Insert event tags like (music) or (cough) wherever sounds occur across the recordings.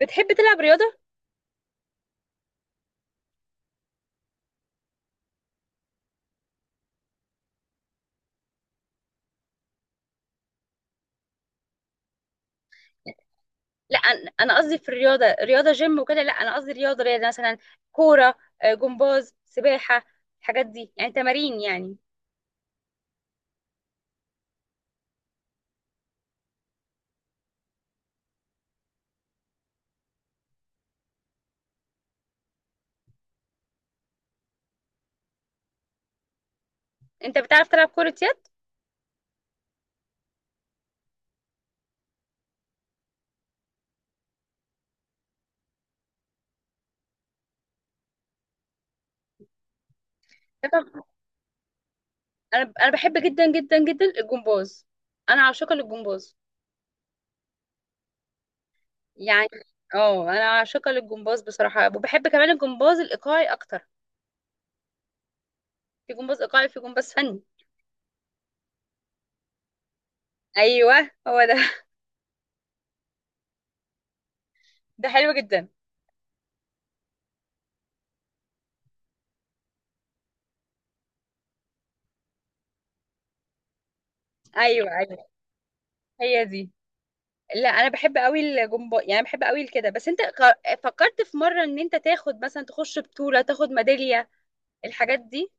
بتحب تلعب رياضة؟ لا، أنا قصدي في الرياضة رياضة جيم وكده. لا، أنا قصدي رياضة مثلا. كورة، جمباز، سباحة. الحاجات دي يعني تمارين يعني. أنت بتعرف تلعب كرة يد؟ طبعاً. أنا بحب جدا جدا جدا الجمباز. أنا عاشقة للجمباز يعني. اه أنا عاشقة للجمباز بصراحة، وبحب كمان الجمباز الإيقاعي أكتر. في جمباز إيقاعي، في جمباز فني. أيوه، هو ده. (laughs) ده حلو جدا. أيوه أيوه، هي دي. لا، انا بحب قوي الجمباز، يعني بحب قوي كده، بس انت فكرت في مره ان انت تاخد مثلا، تخش بطوله، تاخد ميداليه، الحاجات دي.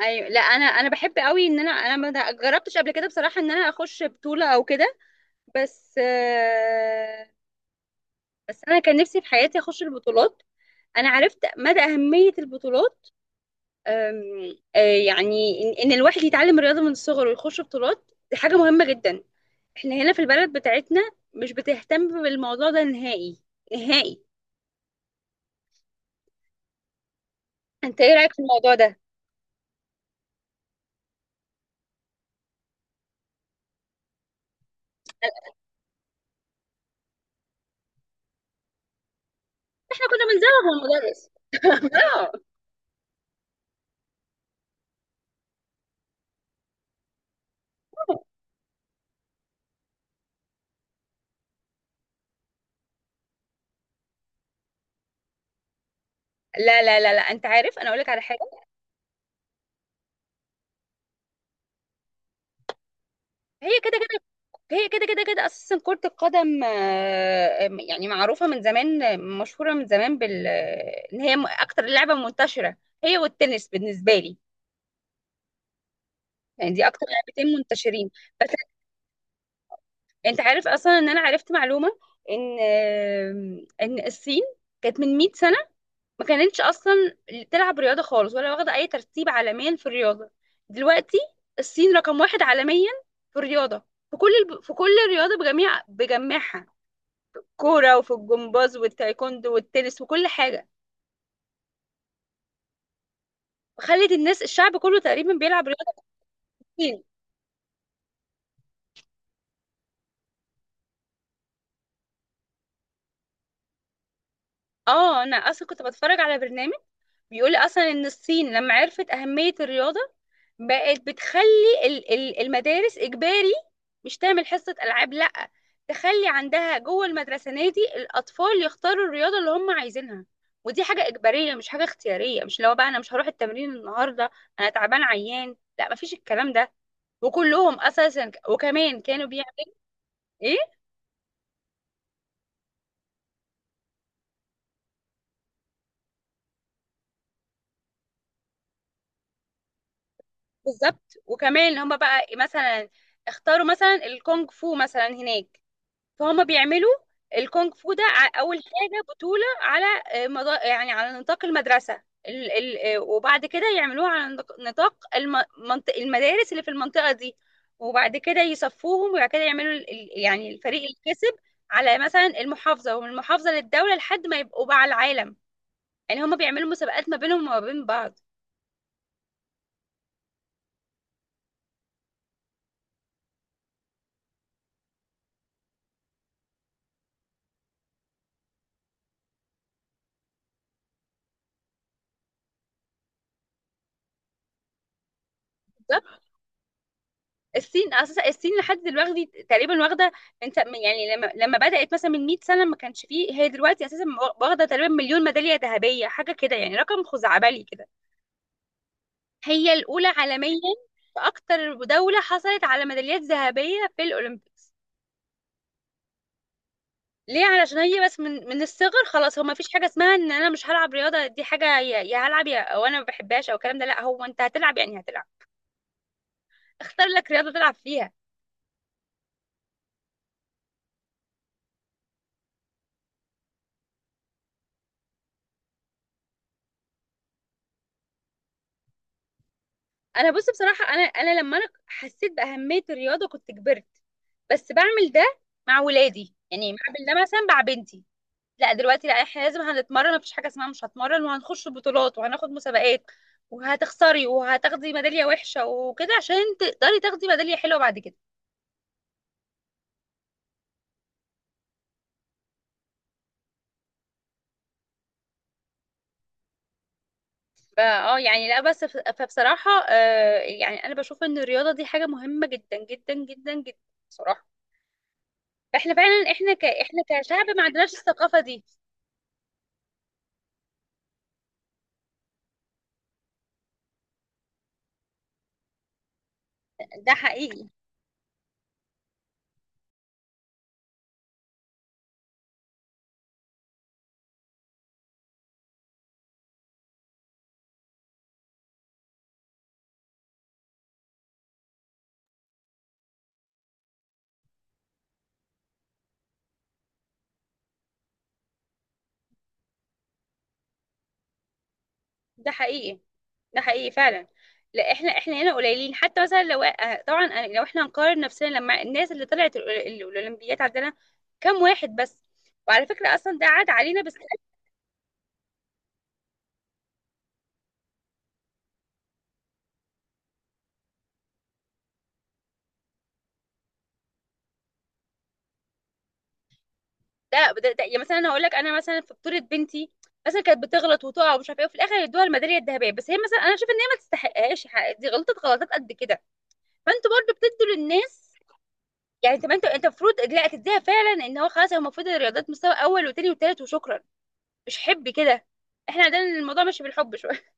ايوه. لا، انا بحب قوي ان انا ما جربتش قبل كده بصراحه، ان انا اخش بطوله او كده. بس بس انا كان نفسي في حياتي اخش البطولات. انا عرفت مدى اهميه البطولات. آم، آه، يعني ان الواحد يتعلم رياضه من الصغر ويخش بطولات، دي حاجه مهمه جدا. احنا هنا في البلد بتاعتنا مش بتهتم بالموضوع ده نهائي، نهائي. انت ايه رايك في الموضوع ده؟ احنا كنا بنزوغ من المدرس، اه. لا لا لا لا، انت عارف، انا اقول لك على حاجه. هي كده كده. هي كده كده كده اساسا. كره القدم يعني معروفه من زمان، مشهوره من زمان بال آه، ان هي اكتر لعبه منتشره. هي والتنس بالنسبه لي، يعني دي اكتر لعبتين منتشرين. بس انت عارف اصلا ان انا عرفت معلومه، ان آه، ان الصين كانت من 100 سنه ما كانتش اصلا تلعب رياضه خالص، ولا واخده اي ترتيب عالميا في الرياضه. دلوقتي الصين رقم واحد عالميا في الرياضه، في كل في كل الرياضه، بجميعها. كوره، وفي الجمباز والتايكوندو والتنس وكل حاجه. خلت الناس، الشعب كله تقريبا بيلعب رياضه كتير. اه. انا اصلا كنت بتفرج على برنامج بيقول اصلا ان الصين لما عرفت اهمية الرياضة، بقت بتخلي المدارس اجباري. مش تعمل حصة العاب، لا. تخلي عندها جوه المدرسة نادي، الاطفال يختاروا الرياضة اللي هم عايزينها. ودي حاجة اجبارية، مش حاجة اختيارية. مش لو بقى انا مش هروح التمرين النهاردة، انا تعبان، عيان. لا، مفيش الكلام ده. وكلهم اساسا وكمان كانوا بيعملوا ايه. بالظبط. وكمان اللي هم بقى مثلا اختاروا مثلا الكونغ فو مثلا هناك، فهم بيعملوا الكونغ فو ده اول حاجه بطوله على، يعني على نطاق المدرسه، ال... ال... آه، وبعد كده يعملوها على نطاق المدارس اللي في المنطقه دي. وبعد كده يصفوهم، وبعد كده يعملوا يعني الفريق اللي كسب على مثلا المحافظه، ومن المحافظه للدوله، لحد ما يبقوا بقى على العالم. يعني هم بيعملوا مسابقات ما بينهم وما بين بعض. الصين اساسا، الصين لحد دلوقتي تقريبا واخده. انت يعني، لما بدات مثلا من 100 سنه ما كانش فيه، هي دلوقتي اساسا واخده تقريبا مليون ميداليه ذهبيه، حاجه كده، يعني رقم خزعبلي كده. هي الاولى عالميا في اكتر دوله حصلت على ميداليات ذهبيه في الاولمبيكس. ليه؟ علشان هي بس من الصغر، خلاص، هو ما فيش حاجه اسمها ان انا مش هلعب رياضه، دي حاجه. يا هلعب، يا او انا ما بحبهاش، او الكلام ده، لا. هو انت هتلعب، يعني هتلعب. اختار لك رياضه تلعب فيها. انا بصراحه، انا لما انا حسيت باهميه الرياضه كنت كبرت. بس بعمل ده مع ولادي، يعني بعمل ده مثلا مع بنتي. لا، دلوقتي، لا، احنا لازم هنتمرن. مفيش حاجه اسمها مش هتمرن، وهنخش بطولات، وهناخد مسابقات، وهتخسري، وهتاخدي ميداليه وحشه وكده عشان تقدري تاخدي ميداليه حلوه بعد كده. فا اه يعني لا بس فبصراحه، يعني انا بشوف ان الرياضه دي حاجه مهمه جدا جدا جدا جدا بصراحه. فاحنا فعلا احنا كشعب ما عندناش الثقافه دي. ده حقيقي. ده حقيقي. ده حقيقي فعلا. لا، احنا هنا قليلين. حتى مثلا لو طبعا، لو احنا هنقارن نفسنا لما الناس اللي طلعت الاولمبيات عندنا كام واحد بس. وعلى فكره اصلا ده عاد علينا بس. ده يعني مثلا انا هقول لك، انا مثلا في بطوله بنتي مثلا كانت بتغلط وتقع ومش عارفه ايه، وفي الاخر يدوها الميداليه الذهبيه. بس هي مثلا انا شايفه ان هي ما تستحقهاش، دي غلطت غلطات قد كده، فانتوا برضو بتدوا للناس. يعني طب انت المفروض لا تديها فعلا، ان هو خلاص، هو المفروض الرياضات مستوى اول وتاني وتالت وشكرا، مش حب كده. احنا عندنا الموضوع ماشي بالحب شويه.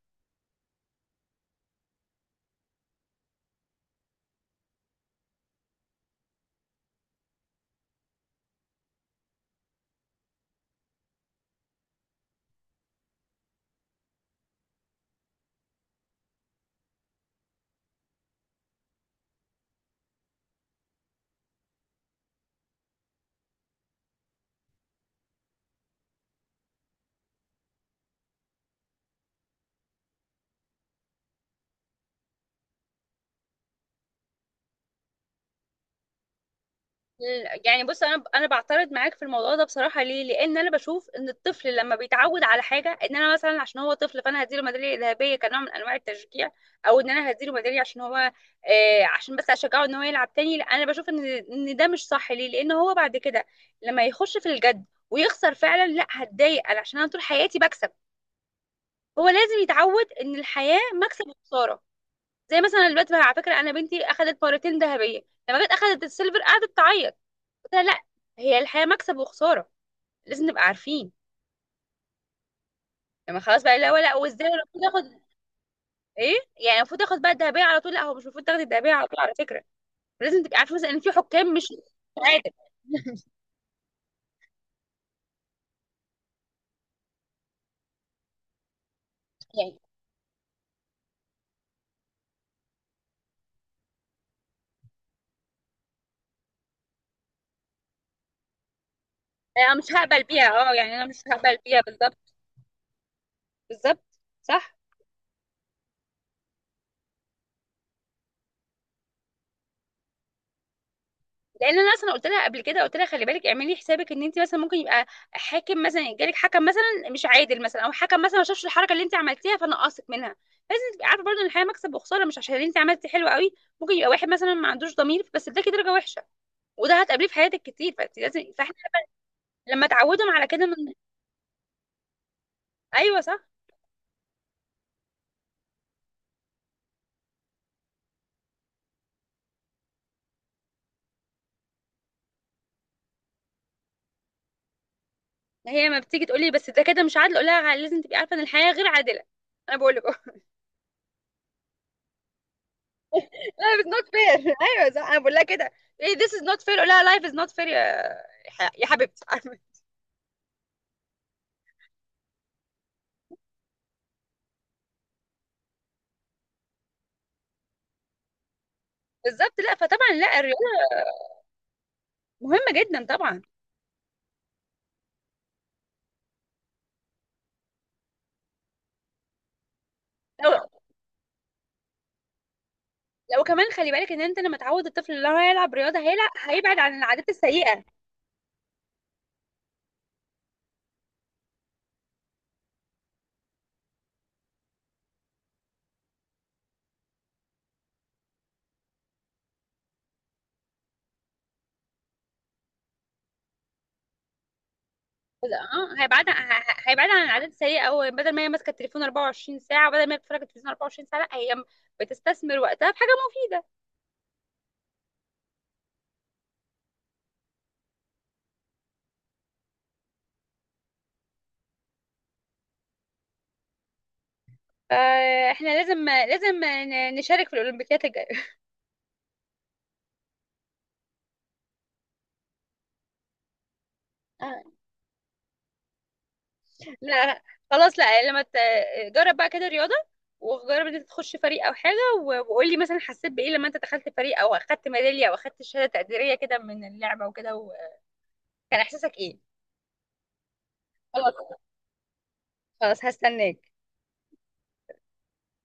(laughs) يعني بص، انا بعترض معاك في الموضوع ده بصراحه. ليه؟ لان انا بشوف ان الطفل لما بيتعود على حاجه، ان انا مثلا عشان هو طفل فانا هديله ميداليه ذهبيه كنوع من انواع التشجيع، او ان انا هديله ميداليه عشان هو عشان بس اشجعه ان هو يلعب تاني، لا، انا بشوف ان ده مش صح. ليه؟ لان هو بعد كده لما يخش في الجد ويخسر فعلا، لا، هتضايق انا عشان انا طول حياتي بكسب. هو لازم يتعود ان الحياه مكسب وخساره. زي مثلا دلوقتي بقى، على فكره، انا بنتي اخذت مرتين ذهبيه، لما جت اخذت السيلفر قعدت تعيط. قلت لها لا، هي الحياه مكسب وخساره، لازم نبقى عارفين. لما خلاص بقى، لا، ولا وازاي المفروض اخد ايه. يعني المفروض اخد بقى الذهبيه على طول؟ لا، هو مش المفروض تاخدي الذهبيه على طول على فكره. لازم تبقى عارفه مثلا ان في حكام مش عادل. (laughs) يعني انا مش هقبل بيها، اه. يعني انا مش هقبل بيها، بالظبط بالظبط، صح. لان انا اصلا قلت لها قبل كده، قلت لها خلي بالك، اعملي حسابك ان انت مثلا ممكن يبقى حاكم مثلا، يجيلك حكم مثلا مش عادل، مثلا او حكم مثلا ما شافش الحركه اللي انت عملتيها فنقصك منها. لازم تبقي عارفه برضه ان الحياه مكسب وخساره. مش عشان انت عملتي حلو قوي ممكن يبقى واحد مثلا ما عندوش ضمير بس اداكي درجه وحشه، وده هتقابليه في حياتك كتير. فانت لازم، فاحنا لما تعودهم على كده من. ايوه صح. هي لما بتيجي تقولي بس ده كده مش عادل، اقول لها لازم تبقي عارفه ان الحياه غير عادله. انا بقول لك life is not fair. (laughs) ايوه صح، انا بقول لها كده. ايه this is not fair؟ اقول لها life is not fair يا يا حبيبتي. (laughs) بالظبط. لا، فطبعا، لا، الرياضه مهمه جدا طبعا. لو لو كمان خلي بالك ان انت لما تعود الطفل ان هو يلعب رياضه، هيلعب، هيبعد عن العادات السيئه. اه، هيبعد عن العادات السيئه. او بدل ما هي ماسكه التليفون 24 ساعه، وبدل ما هي بتتفرج على التلفزيون 24 ساعه، لا، هي بتستثمر وقتها في حاجه مفيده. فاحنا لازم نشارك في الاولمبيات الجايه. (laughs) لا، خلاص. لا، لما جرب بقى كده رياضة. وجرب ان انت تخش فريق او حاجة، وقول لي مثلا حسيت بايه لما انت دخلت فريق، او اخدت ميدالية، او اخدت شهادة تقديرية كده من اللعبة وكده، وكان احساسك ايه. خلاص. خلاص هستناك.